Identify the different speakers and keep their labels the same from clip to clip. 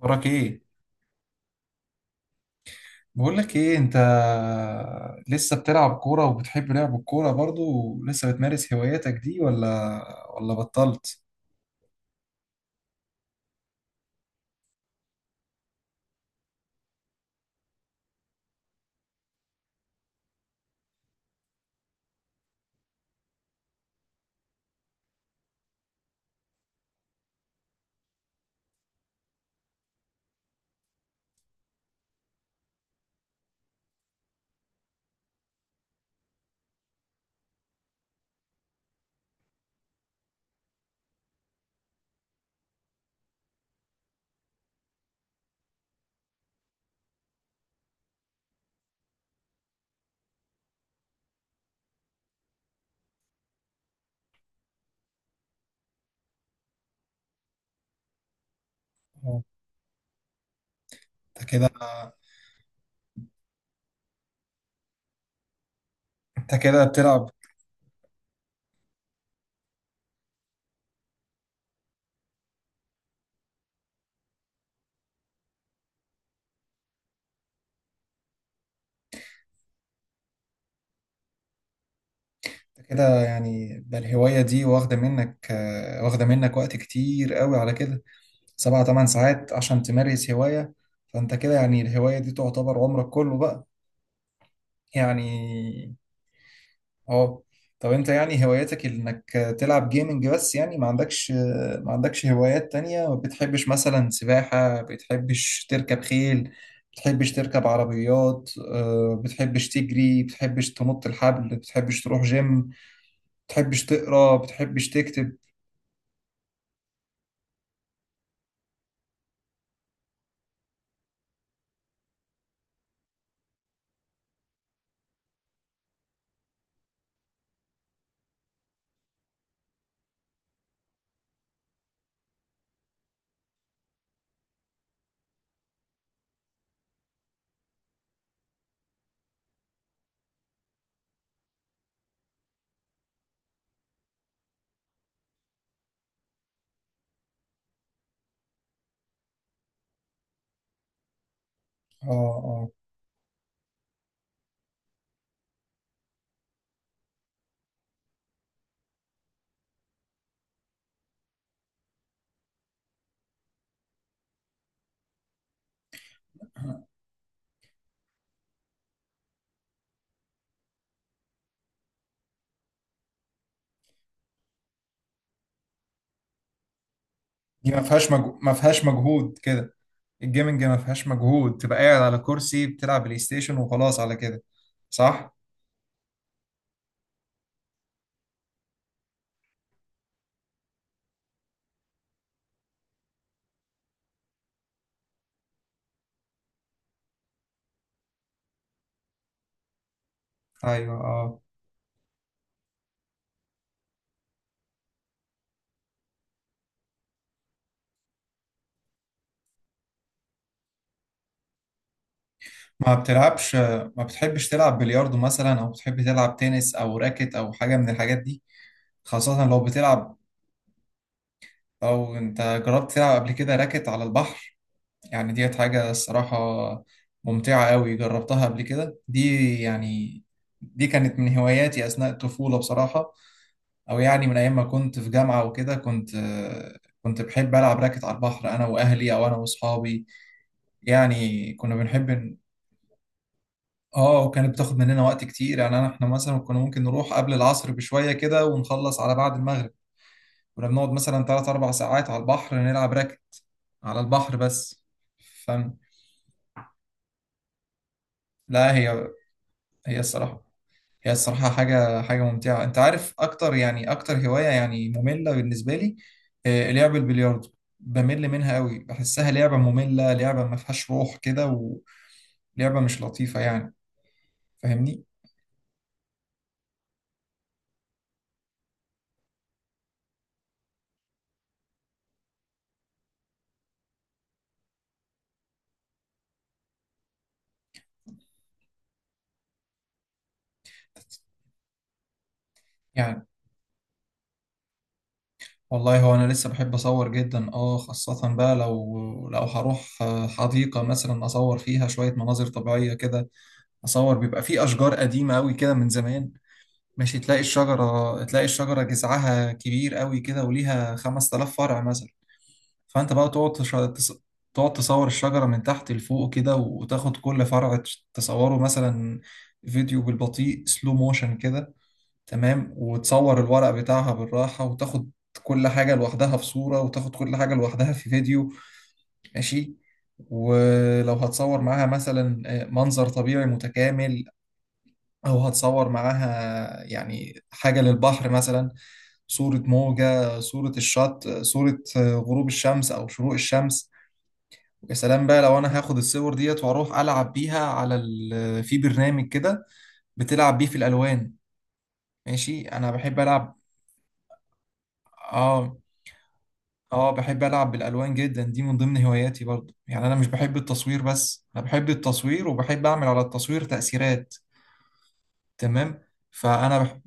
Speaker 1: وراك ايه؟ بقول لك ايه انت، لسه بتلعب كوره وبتحب لعب الكوره برضو؟ ولسه بتمارس هواياتك دي ولا بطلت؟ آه. انت كده انت كده بتلعب. انت كده يعني ده الهوايه، دي واخده منك، واخده منك وقت كتير قوي على كده، 7 8 ساعات عشان تمارس هوايه؟ فانت كده يعني الهوايه دي تعتبر عمرك كله بقى، يعني. اه. طب انت يعني هواياتك انك تلعب جيمنج بس؟ يعني ما عندكش هوايات تانية؟ ما بتحبش مثلا سباحة؟ بتحبش تركب خيل؟ بتحبش تركب عربيات، بتحبش تجري؟ بتحبش تنط الحبل؟ بتحبش تروح جيم؟ بتحبش تقرا؟ بتحبش تكتب؟ اه، اه. دي ما فيهاش مجهود كده. الجيمنج ما فيهاش مجهود، تبقى قاعد على كرسي بتلعب بلاي ستيشن وخلاص على كده، صح؟ ايوه، اه. ما بتلعبش؟ ما بتحبش تلعب بلياردو مثلا، او بتحب تلعب تنس او راكت او حاجة من الحاجات دي؟ خاصة لو بتلعب. او انت جربت تلعب قبل كده راكت على البحر؟ يعني ديت حاجة، الصراحة، ممتعة قوي، جربتها قبل كده دي، يعني. دي كانت من هواياتي اثناء الطفولة، بصراحة، او يعني من ايام ما كنت في جامعة وكده، كنت بحب العب راكت على البحر انا واهلي او انا واصحابي، يعني كنا بنحب. اه، وكانت بتاخد مننا وقت كتير، يعني انا احنا مثلا كنا ممكن نروح قبل العصر بشوية كده ونخلص على بعد المغرب، كنا بنقعد مثلا 3 4 ساعات على البحر نلعب راكت على البحر بس. فاهم. لا، هي الصراحة، هي الصراحة حاجة حاجة ممتعة. انت عارف اكتر، يعني اكتر هواية يعني مملة بالنسبة لي، لعب البلياردو، بمل منها قوي، بحسها لعبة مملة، لعبة ما فيهاش روح كده، ولعبة مش لطيفة، يعني، فاهمني. يعني والله، هو انا لسه بحب اصور جدا، اه، خاصة بقى لو هروح، حديقة مثلا، اصور فيها شوية مناظر طبيعية كده، اصور بيبقى في اشجار قديمة قوي كده من زمان. ماشي، تلاقي الشجرة جذعها كبير قوي كده وليها 5000 فرع مثلا. فانت بقى تقعد تصور الشجرة من تحت لفوق كده، وتاخد كل فرع تصوره مثلا فيديو بالبطيء، سلو موشن كده، تمام، وتصور الورق بتاعها بالراحة، وتاخد كل حاجة لوحدها في صورة، وتاخد كل حاجة لوحدها في فيديو، ماشي. ولو هتصور معاها مثلا منظر طبيعي متكامل، أو هتصور معاها يعني حاجة للبحر مثلا، صورة موجة، صورة الشط، صورة غروب الشمس أو شروق الشمس. يا سلام بقى لو أنا هاخد الصور ديت وأروح ألعب بيها على ال... آه، في برنامج كده بتلعب بيه في الألوان، ماشي، أنا بحب ألعب. آه، اه، بحب ألعب بالألوان جدا، دي من ضمن هواياتي برضو. يعني أنا مش بحب التصوير بس، أنا بحب التصوير وبحب أعمل على التصوير تأثيرات، تمام. فأنا بح...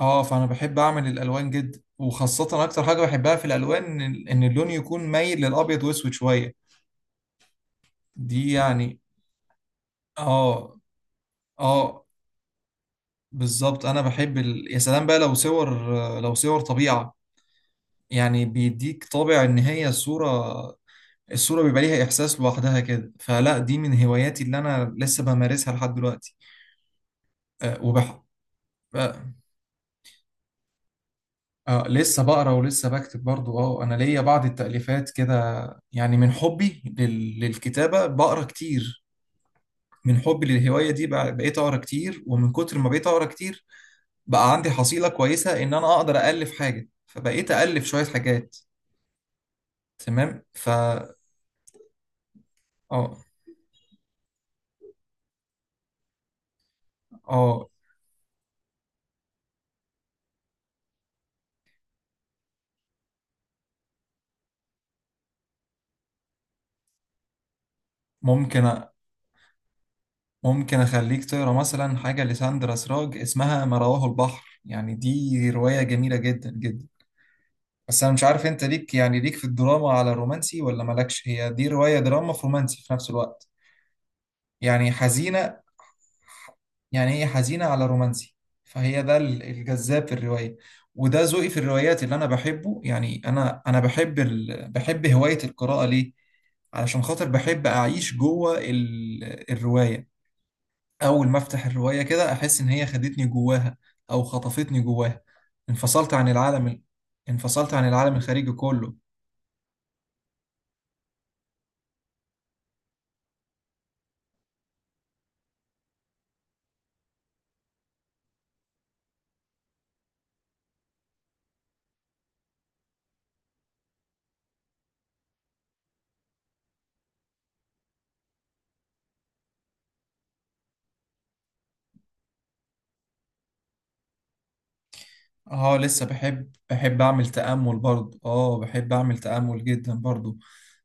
Speaker 1: اه، فأنا بحب أعمل الألوان جدا، وخاصة أكتر حاجة بحبها في الألوان إن اللون يكون مايل للأبيض وأسود شوية، دي يعني. اه، اه، بالظبط، أنا يا سلام بقى لو صور طبيعة، يعني بيديك طابع إن هي صورة، الصورة بيبقى ليها إحساس لوحدها كده. فلا، دي من هواياتي اللي أنا لسه بمارسها لحد دلوقتي. أه آه لسه بقرا ولسه بكتب برضو، اه. أنا ليا بعض التأليفات كده، يعني من حبي للكتابة بقرا كتير، من حبي للهواية دي بقيت أقرا كتير، ومن كتر ما بقيت أقرا كتير، بقى عندي حصيلة كويسة إن أنا أقدر أألف حاجة، فبقيت أألف شوية حاجات، تمام. اه اه. ممكن أ- ممكن أخليك تقرأ مثلا حاجة لساندرا سراج، اسمها ما رواه البحر. يعني دي رواية جميلة جدا جدا، بس أنا مش عارف أنت ليك، يعني ليك في الدراما على الرومانسي ولا مالكش، هي دي رواية دراما في رومانسي في نفس الوقت، يعني حزينة، يعني هي حزينة على رومانسي، فهي ده الجذاب في الرواية، وده ذوقي في الروايات اللي أنا بحبه. يعني أنا بحب هواية القراءة. ليه؟ علشان خاطر بحب أعيش الرواية. اول ما افتح الروايه كده، احس ان هي خدتني جواها، او خطفتني جواها، انفصلت عن العالم ال- انفصلت عن العالم الخارجي كله. اه، لسه بحب اعمل تأمل برضه، اه، بحب اعمل تأمل جدا برضه،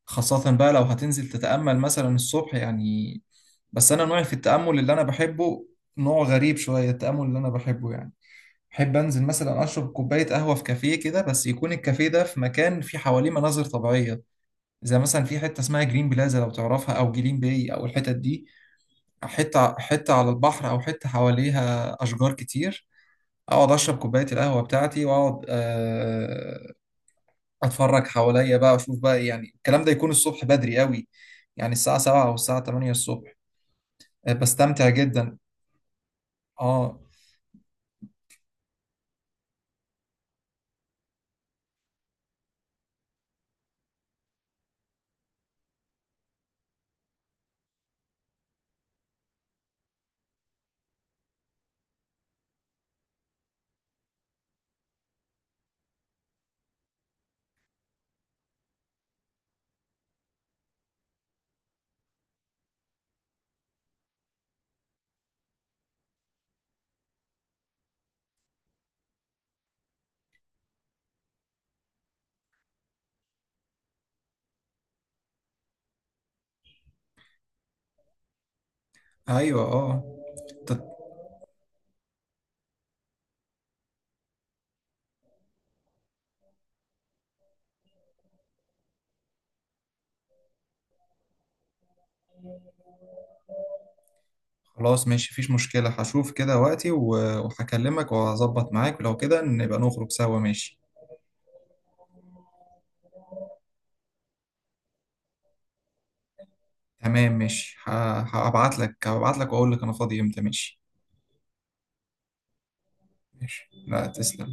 Speaker 1: خاصة بقى لو هتنزل تتأمل مثلا الصبح يعني. بس انا نوعي في التأمل اللي انا بحبه نوع غريب شوية. التأمل اللي انا بحبه يعني، بحب انزل مثلا اشرب كوباية قهوة في كافيه كده، بس يكون الكافيه ده في مكان فيه حواليه مناظر طبيعية، زي مثلا في حته اسمها جرين بلازا لو تعرفها، او جلين باي، او الحتت دي، حته حته على البحر او حته حواليها اشجار كتير، اقعد اشرب كوبايه القهوه بتاعتي واقعد اتفرج حواليا بقى، اشوف بقى، يعني الكلام ده يكون الصبح بدري قوي، يعني الساعه 7 او الساعه 8 الصبح، بستمتع جدا، اه. ايوه، اه. ت- خلاص ماشي، مفيش مشكله، هشوف كده وقتي وهكلمك وهظبط معاك، ولو كده نبقى نخرج سوا، ماشي، تمام، ماشي، هبعت لك واقول لك انا فاضي امتى، ماشي، ماشي، لا، تسلم.